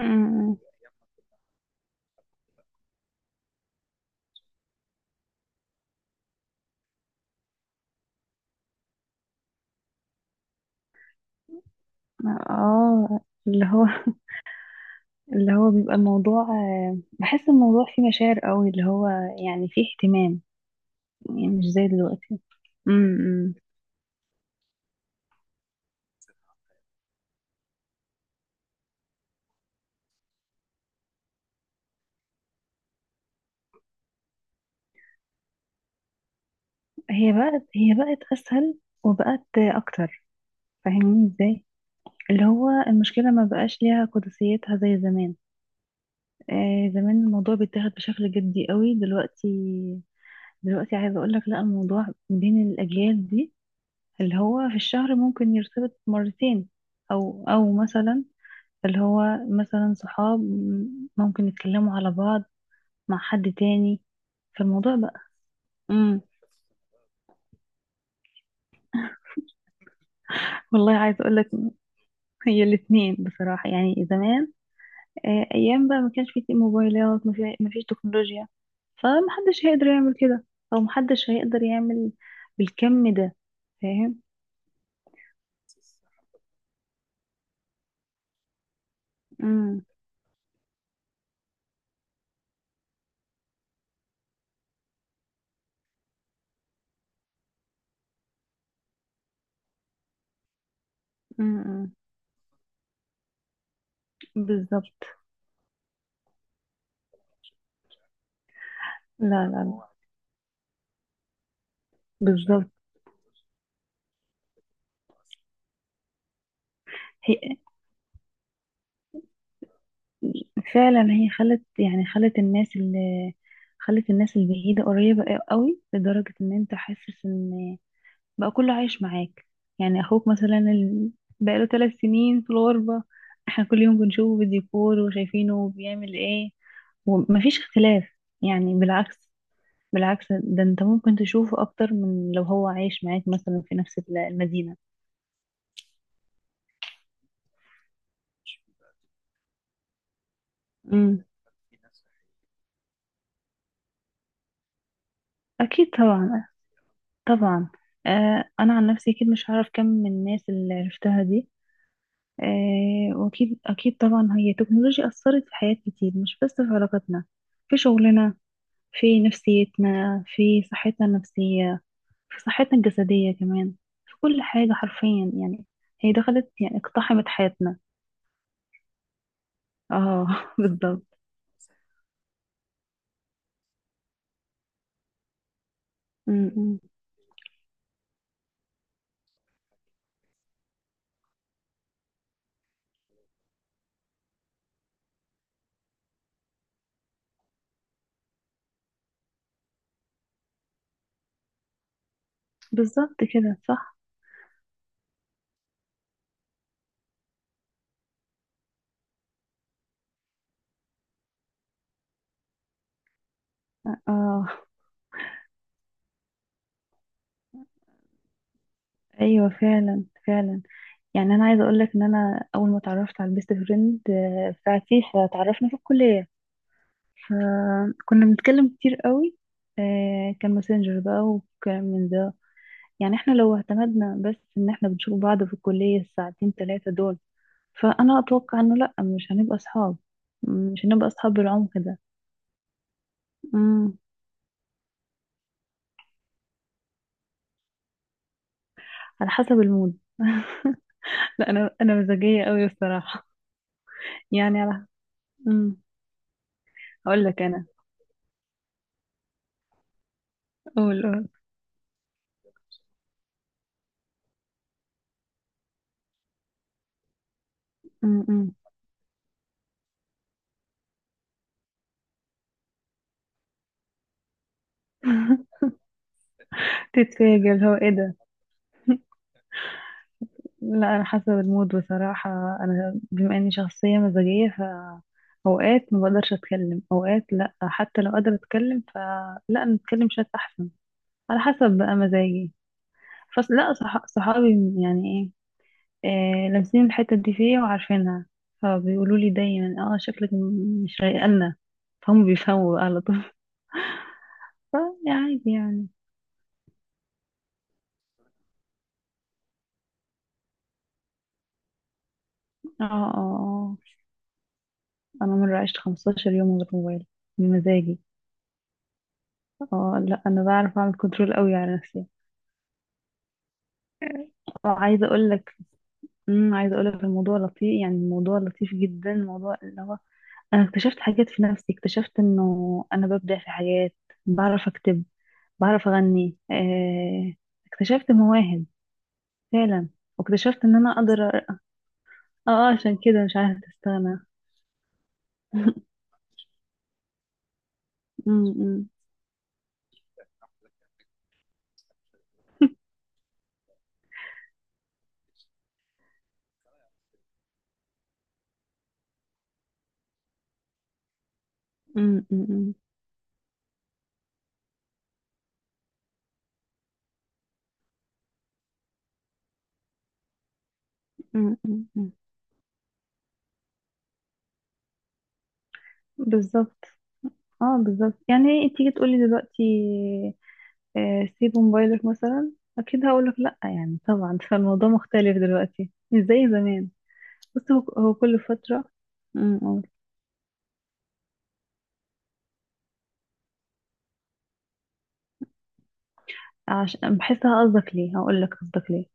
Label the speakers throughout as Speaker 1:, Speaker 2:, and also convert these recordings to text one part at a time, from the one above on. Speaker 1: أمم. اه اللي هو اللي هو بيبقى الموضوع، بحس الموضوع فيه مشاعر قوي، اللي هو يعني فيه اهتمام. يعني مش زي دلوقتي. أمم. هي بقت اسهل وبقت اكتر. فاهمين ازاي؟ اللي هو المشكلة ما بقاش ليها قدسيتها زي زمان. زمان الموضوع بيتاخد بشكل جدي قوي. دلوقتي دلوقتي عايزة اقول لك، لا، الموضوع بين الاجيال دي اللي هو في الشهر ممكن يرتبط مرتين، او مثلا، اللي هو مثلا صحاب ممكن يتكلموا على بعض مع حد تاني في الموضوع بقى. امم. والله عايزه اقول لك، هي الاثنين بصراحه، يعني زمان، ايام بقى ما كانش في موبايلات، ما فيش تكنولوجيا، فمحدش هيقدر يعمل كده، او محدش هيقدر يعمل بالكم ده. فاهم؟ امم. أمم، أمم. بالظبط. لا لا لا. بالظبط. هي فعلا خلت، يعني خلت الناس اللي خلت الناس البعيدة قريبة قوي، لدرجة ان انت حاسس ان بقى كله عايش معاك. يعني اخوك مثلا، بقاله 3 سنين في الغربة، احنا كل يوم بنشوفه بالديكور وشايفينه بيعمل ايه، ومفيش اختلاف، يعني بالعكس. بالعكس، ده انت ممكن تشوفه اكتر من لو هو عايش معاك مثلا في نفس المدينة. امم. أكيد طبعا. طبعا. أنا عن نفسي أكيد مش هعرف كم من الناس اللي عرفتها دي. واكيد اكيد طبعا هي التكنولوجيا اثرت في حياة كتير، مش بس في علاقاتنا، في شغلنا، في نفسيتنا، في صحتنا النفسية، في صحتنا الجسدية كمان، في كل حاجة حرفيا يعني. هي دخلت، يعني اقتحمت حياتنا. اه بالظبط. م- م. بالظبط كده صح. اه ايوه فعلا فعلا. يعني انا عايزه اقول لك ان انا اول ما اتعرفت على البيست فريند بتاعتي، فتعرفنا في الكليه، فكنا بنتكلم كتير قوي، كان ماسنجر بقى وكلام من ده. يعني احنا لو اعتمدنا بس ان احنا بنشوف بعض في الكلية الساعتين ثلاثة دول، فانا اتوقع انه لا، مش هنبقى اصحاب. مش هنبقى اصحاب بالعمق ده. امم. على حسب المود. لا، انا مزاجية قوي الصراحة. يعني على، امم، هقول لك انا. قول قول. امم. تتفاجئ، اللي هو ايه ده. لا، انا حسب المود بصراحة. انا بما اني شخصية مزاجية، اوقات ما بقدرش اتكلم، اوقات لا، حتى لو قادرة اتكلم فلا، انا اتكلم شات احسن. على حسب بقى مزاجي. فص لا صح... صحابي يعني، ايه، لامسين الحتة دي فيا وعارفينها، فبيقولوا لي دايما، اه شكلك مش رايقة لنا. فهم بيفهموا بقى على طول. فا عادي يعني. اه اه اه. انا مرة عشت 15 يوم من غير موبايل، بمزاجي. اه لا، انا بعرف اعمل كنترول قوي على نفسي. وعايزه اقول لك، امم، عايزه اقول لك الموضوع لطيف، يعني الموضوع لطيف جدا، الموضوع اللي هو انا اكتشفت حاجات في نفسي، اكتشفت انه انا ببدع في حاجات، بعرف اكتب، بعرف اغني، اكتشفت مواهب فعلا، واكتشفت ان انا اقدر. اه، عشان كده مش عارفه استغنى. أمم، أمم، أمم، أمم، أمم، أمم. بالظبط. اه بالظبط. يعني إيه، تيجي تقولي دلوقتي، سيب موبايلك مثلا، اكيد هقولك لا، يعني طبعا. فالموضوع مختلف دلوقتي، مش زي زمان. بس هو كل فترة. أمم. أقول. عشان بحسها. قصدك ليه؟ هقولك قصدك ليه.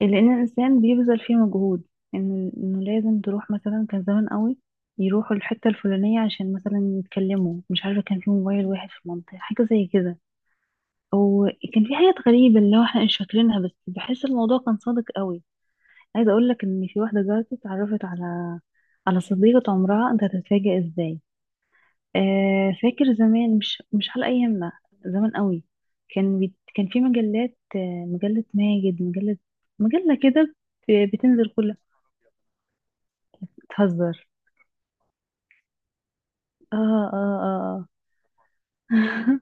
Speaker 1: لان الانسان بيبذل فيه مجهود، ان انه لازم تروح مثلا، كان زمان قوي يروحوا الحتة الفلانية عشان مثلا يتكلموا، مش عارفة، كان في موبايل واحد في المنطقة، حاجة زي كده. وكان في حاجات غريبة اللي هو احنا مش فاكرينها، بس بحس الموضوع كان صادق قوي. عايزه اقول لك ان في واحده دلوقتي اتعرفت على، على صديقه عمرها. انت هتتفاجئ ازاي. فاكر زمان، مش على ايامنا، زمان قوي، كان في مجلات، مجله ماجد، مجله كده، بتنزل كل. بتهزر. اه اه اه اه.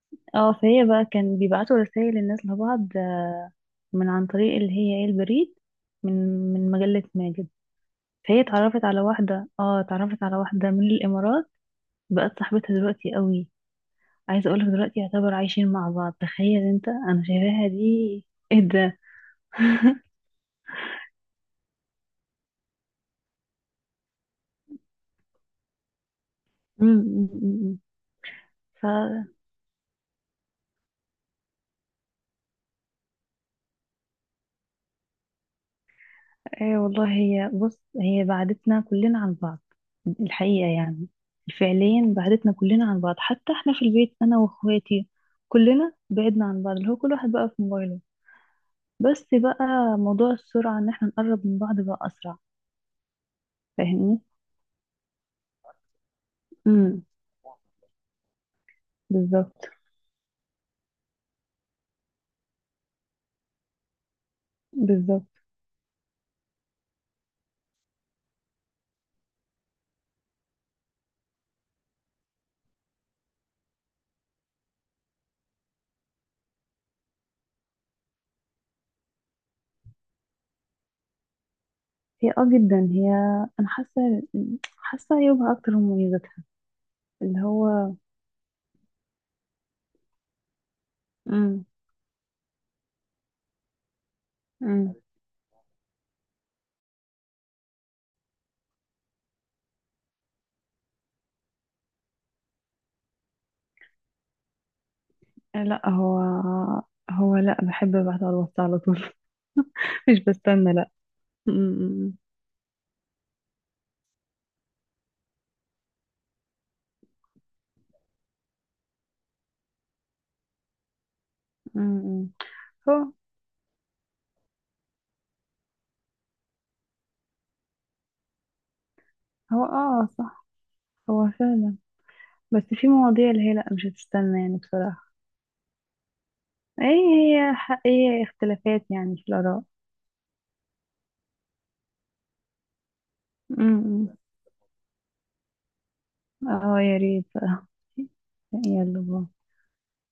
Speaker 1: اه، فهي بقى كان بيبعتوا رسائل الناس لبعض، من عن طريق اللي هي، ايه، البريد، من من مجله ماجد. فهي اتعرفت على واحده، من الامارات، بقت صاحبتها دلوقتي قوي، عايزه اقولك دلوقتي يعتبر عايشين مع بعض، تخيل انت انا شايفاها دي. ايه ده. مم، مم، مم. فا ايه والله، هي بص، بعدتنا كلنا عن بعض الحقيقه يعني. فعليا بعدتنا كلنا عن بعض، حتى احنا في البيت انا واخواتي، كلنا بعدنا عن بعض، اللي هو كل واحد بقى في موبايله. بس بقى موضوع السرعه ان احنا نقرب من بعض بقى اسرع. فاهمني؟ امم. بالظبط. بالظبط. هي اه جدا، هي، انا حاسه عيوبها اكتر من مميزاتها، اللي هو، امم، امم، لا هو، لا بحب ابعت على الواتس على طول. مش بستنى لا. امم. امم. هو هو اه صح. هو فعلا. بس في مواضيع اللي هي لا، مش هتستنى يعني بصراحه. ايه، هي حقيقة اختلافات يعني في الاراء. امم. اه يا ريت. يلا باي.